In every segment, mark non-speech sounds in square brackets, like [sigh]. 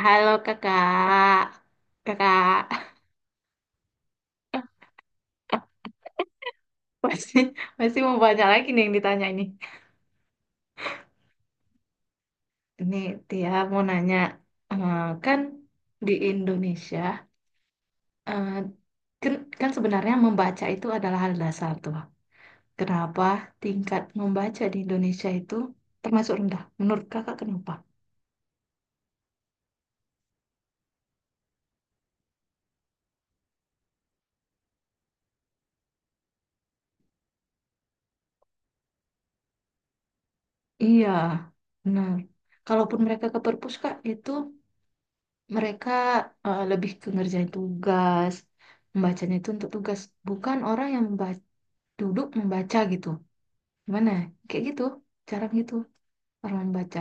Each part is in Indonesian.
Halo kakak, kakak [laughs] masih masih mau banyak lagi nih yang ditanya ini. Ini Tia mau nanya, eh, kan di Indonesia, eh, kan, kan sebenarnya membaca itu adalah hal dasar tuh. Kenapa tingkat membaca di Indonesia itu termasuk rendah? Menurut kakak kenapa? Iya, benar. Kalaupun mereka ke perpus kak, itu mereka lebih ke ngerjain tugas, membacanya itu untuk tugas, bukan orang yang membaca duduk membaca gitu. Gimana? Kayak gitu, cara membaca.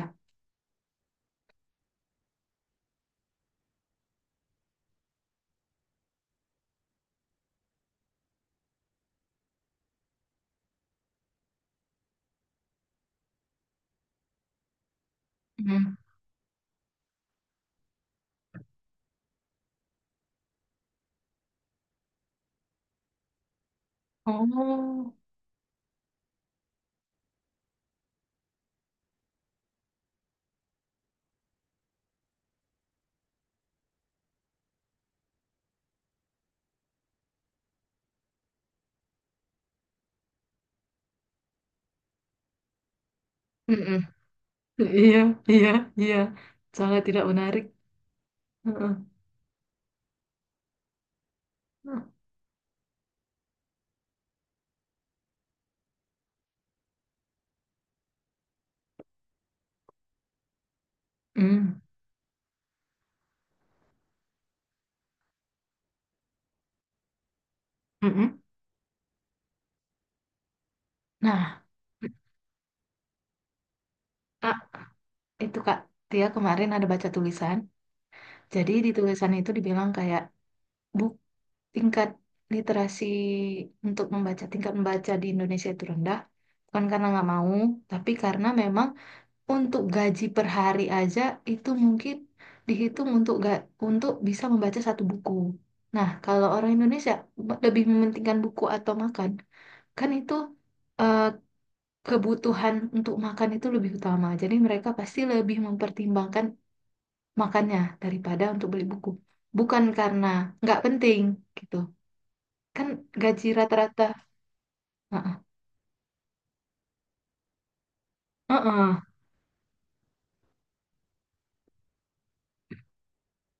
Hmm. Oh. Mm-mm. Iya, iya, iya. Sangat tidak menarik. Heeh. Mm. Mm-mm. Nah, ah, itu Kak, dia kemarin ada baca tulisan. Jadi di tulisan itu dibilang kayak buk tingkat literasi untuk membaca, tingkat membaca di Indonesia itu rendah. Bukan karena nggak mau, tapi karena memang untuk gaji per hari aja itu mungkin dihitung untuk bisa membaca satu buku. Nah, kalau orang Indonesia lebih mementingkan buku atau makan, kan itu eh, kebutuhan untuk makan itu lebih utama. Jadi mereka pasti lebih mempertimbangkan makannya daripada untuk beli buku. Bukan karena nggak penting gitu. Kan gaji rata-rata. Heeh, heeh,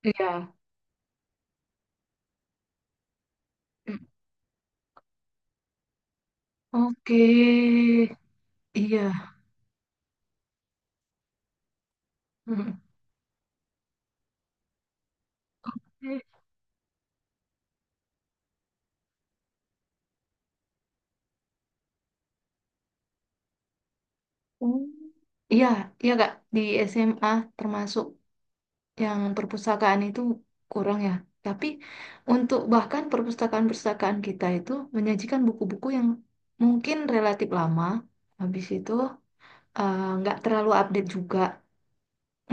iya. Mm. Oke, iya. Mm. Oke. Oh. Iya, iya Kak, di SMA termasuk yang perpustakaan itu kurang ya. Tapi untuk bahkan perpustakaan-perpustakaan kita itu menyajikan buku-buku yang mungkin relatif lama, habis itu nggak terlalu update juga.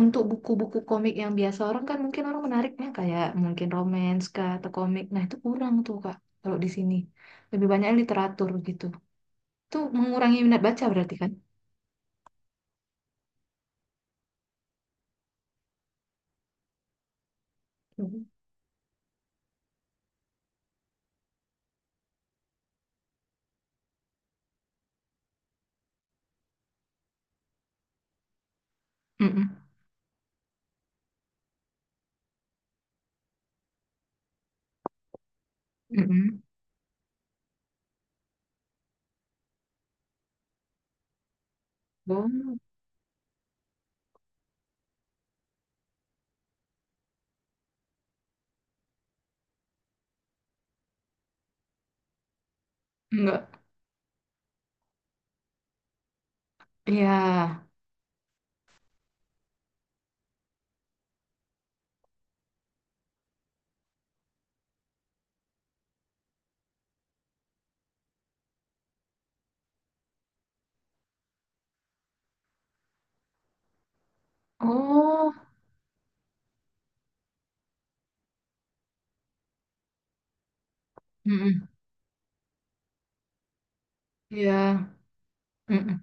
Untuk buku-buku komik yang biasa orang kan mungkin orang menariknya kayak mungkin romance kah atau komik. Nah itu kurang tuh Kak, kalau di sini. Lebih banyak literatur gitu. Itu mengurangi minat baca berarti kan? Mhm. Mm-mm. Mm-mm. Oh. Enggak. Iya. Oh. Mm-mm. Iya. Mm-mm.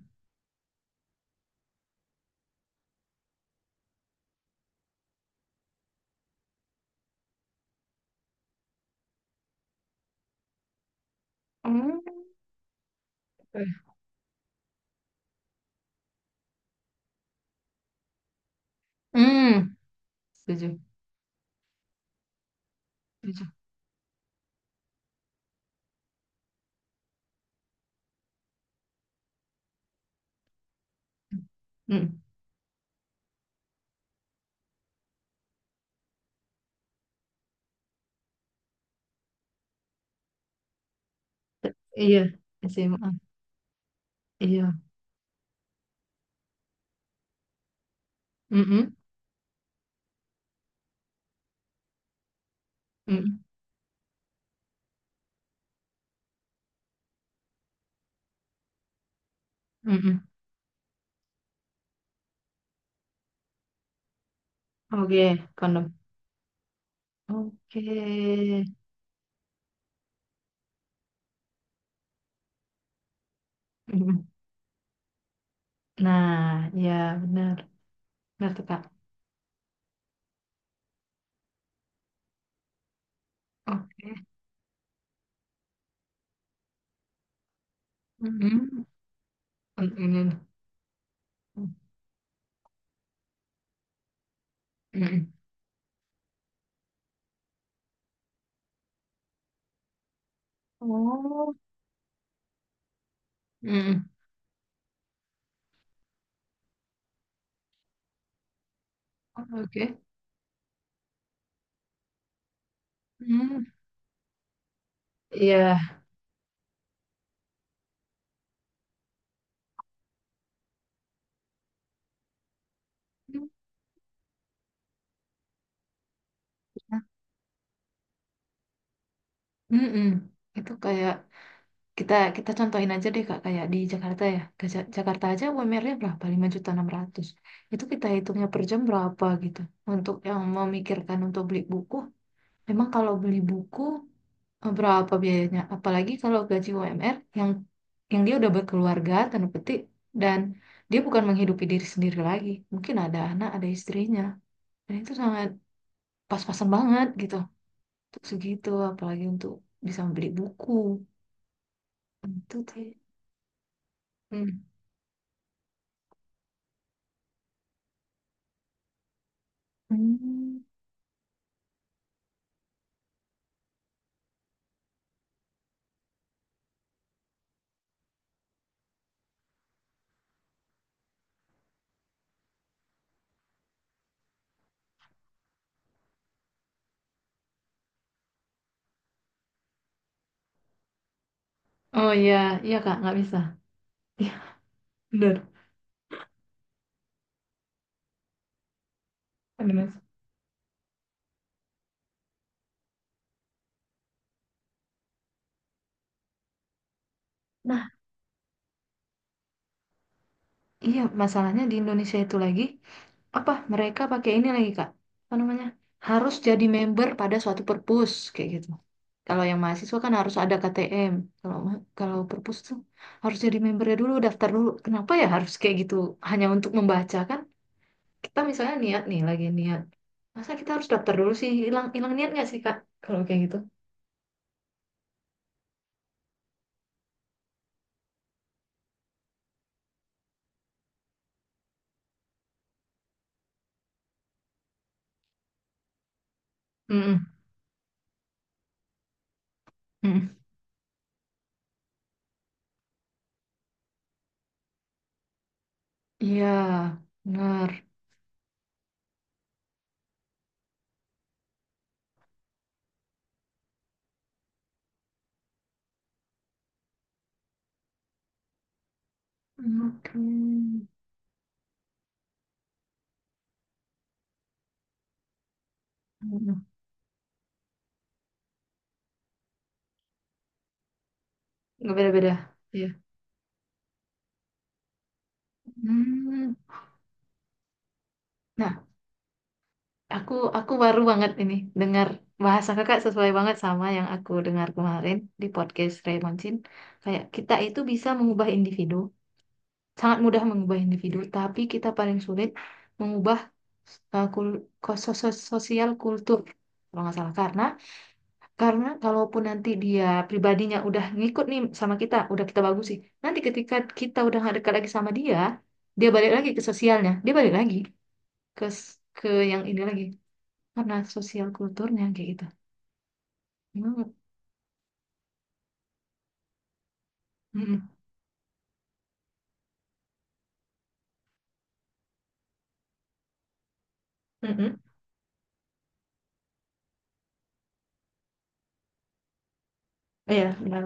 Mm. Mm. Setuju. Setuju. Mm. Iya. SMA. Iya. Mm-mm. Mm-mm. Mm-mm. Oke. Kondom. Oke. mm Nah, ya benar. Benar tuh, Kak. Oke. Mm-mm. Mm-mm. Mm-mm. Oh. Mm-mm. Oke. Mm. Iya. Mm. Mm-mm. Itu kayak Kita kita contohin aja deh Kak kayak di Jakarta ya. Ke Jakarta aja UMR-nya berapa? Lima juta enam ratus. Itu kita hitungnya per jam berapa gitu. Untuk yang memikirkan untuk beli buku, memang kalau beli buku berapa biayanya? Apalagi kalau gaji UMR yang dia udah berkeluarga tanda petik dan dia bukan menghidupi diri sendiri lagi. Mungkin ada anak, ada istrinya. Dan itu sangat pas-pasan banget gitu. Untuk segitu apalagi untuk bisa beli buku. Itu sih. Hmm. Hmm. Oh, iya, iya Kak, nggak bisa. Iya, benar. Ada Mas. Nah, iya masalahnya di Indonesia itu lagi apa mereka pakai ini lagi Kak? Apa namanya? Harus jadi member pada suatu perpus kayak gitu. Kalau yang mahasiswa kan harus ada KTM. Kalau perpus tuh harus jadi membernya dulu, daftar dulu. Kenapa ya harus kayak gitu? Hanya untuk membaca kan? Kita misalnya niat nih lagi niat. Masa kita harus daftar dulu sih? Hilang hilang niat nggak sih Kak? Kalau kayak gitu? Mm-mm. Mm-mm. Iya, benar. Oke. Nggak beda-beda. Iya. Hmm. Nah, aku baru banget ini dengar bahasa kakak sesuai banget sama yang aku dengar kemarin di podcast Raymondin. Kayak kita itu bisa mengubah individu, sangat mudah mengubah individu, tapi kita paling sulit mengubah sosial kultur kalau nggak salah, karena kalaupun nanti dia pribadinya udah ngikut nih sama kita, udah kita bagus sih. Nanti ketika kita udah nggak dekat lagi sama dia, dia balik lagi ke sosialnya, dia balik lagi ke yang ini lagi karena sosial kulturnya kayak gitu. Hmm. Mm-mm. Mm-mm. Iya, benar.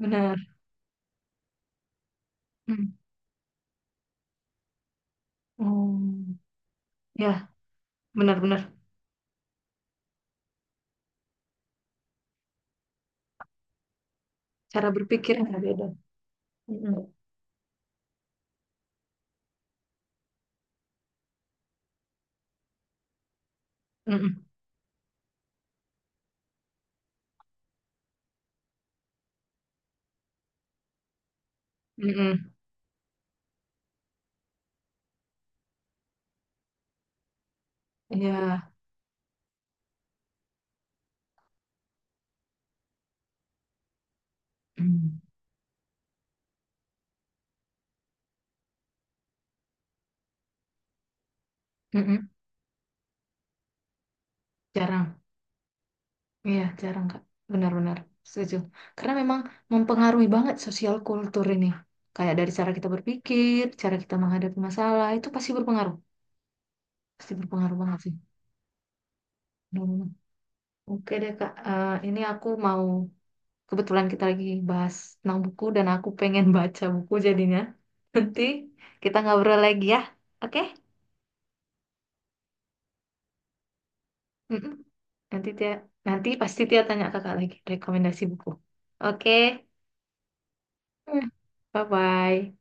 Benar. Mm. Oh, ya, benar-benar. Cara berpikir yang beda. Mm-mm. Mm-mm. Mm-mm. Iya. Mm. Mm-mm. Cara Iya, jarang Kak. Benar-benar setuju. Karena memang mempengaruhi banget sosial kultur ini. Kayak dari cara kita berpikir, cara kita menghadapi masalah, itu pasti berpengaruh. Pasti berpengaruh banget sih. Benar-benar. Oke deh Kak. Ini aku mau, kebetulan kita lagi bahas tentang buku dan aku pengen [laughs] baca buku jadinya. [laughs] Nanti kita ngobrol lagi ya, oke? Mm-mm. Nanti Tia, nanti pasti Tia tanya Kakak lagi rekomendasi buku. Oke. Hmm. Bye-bye.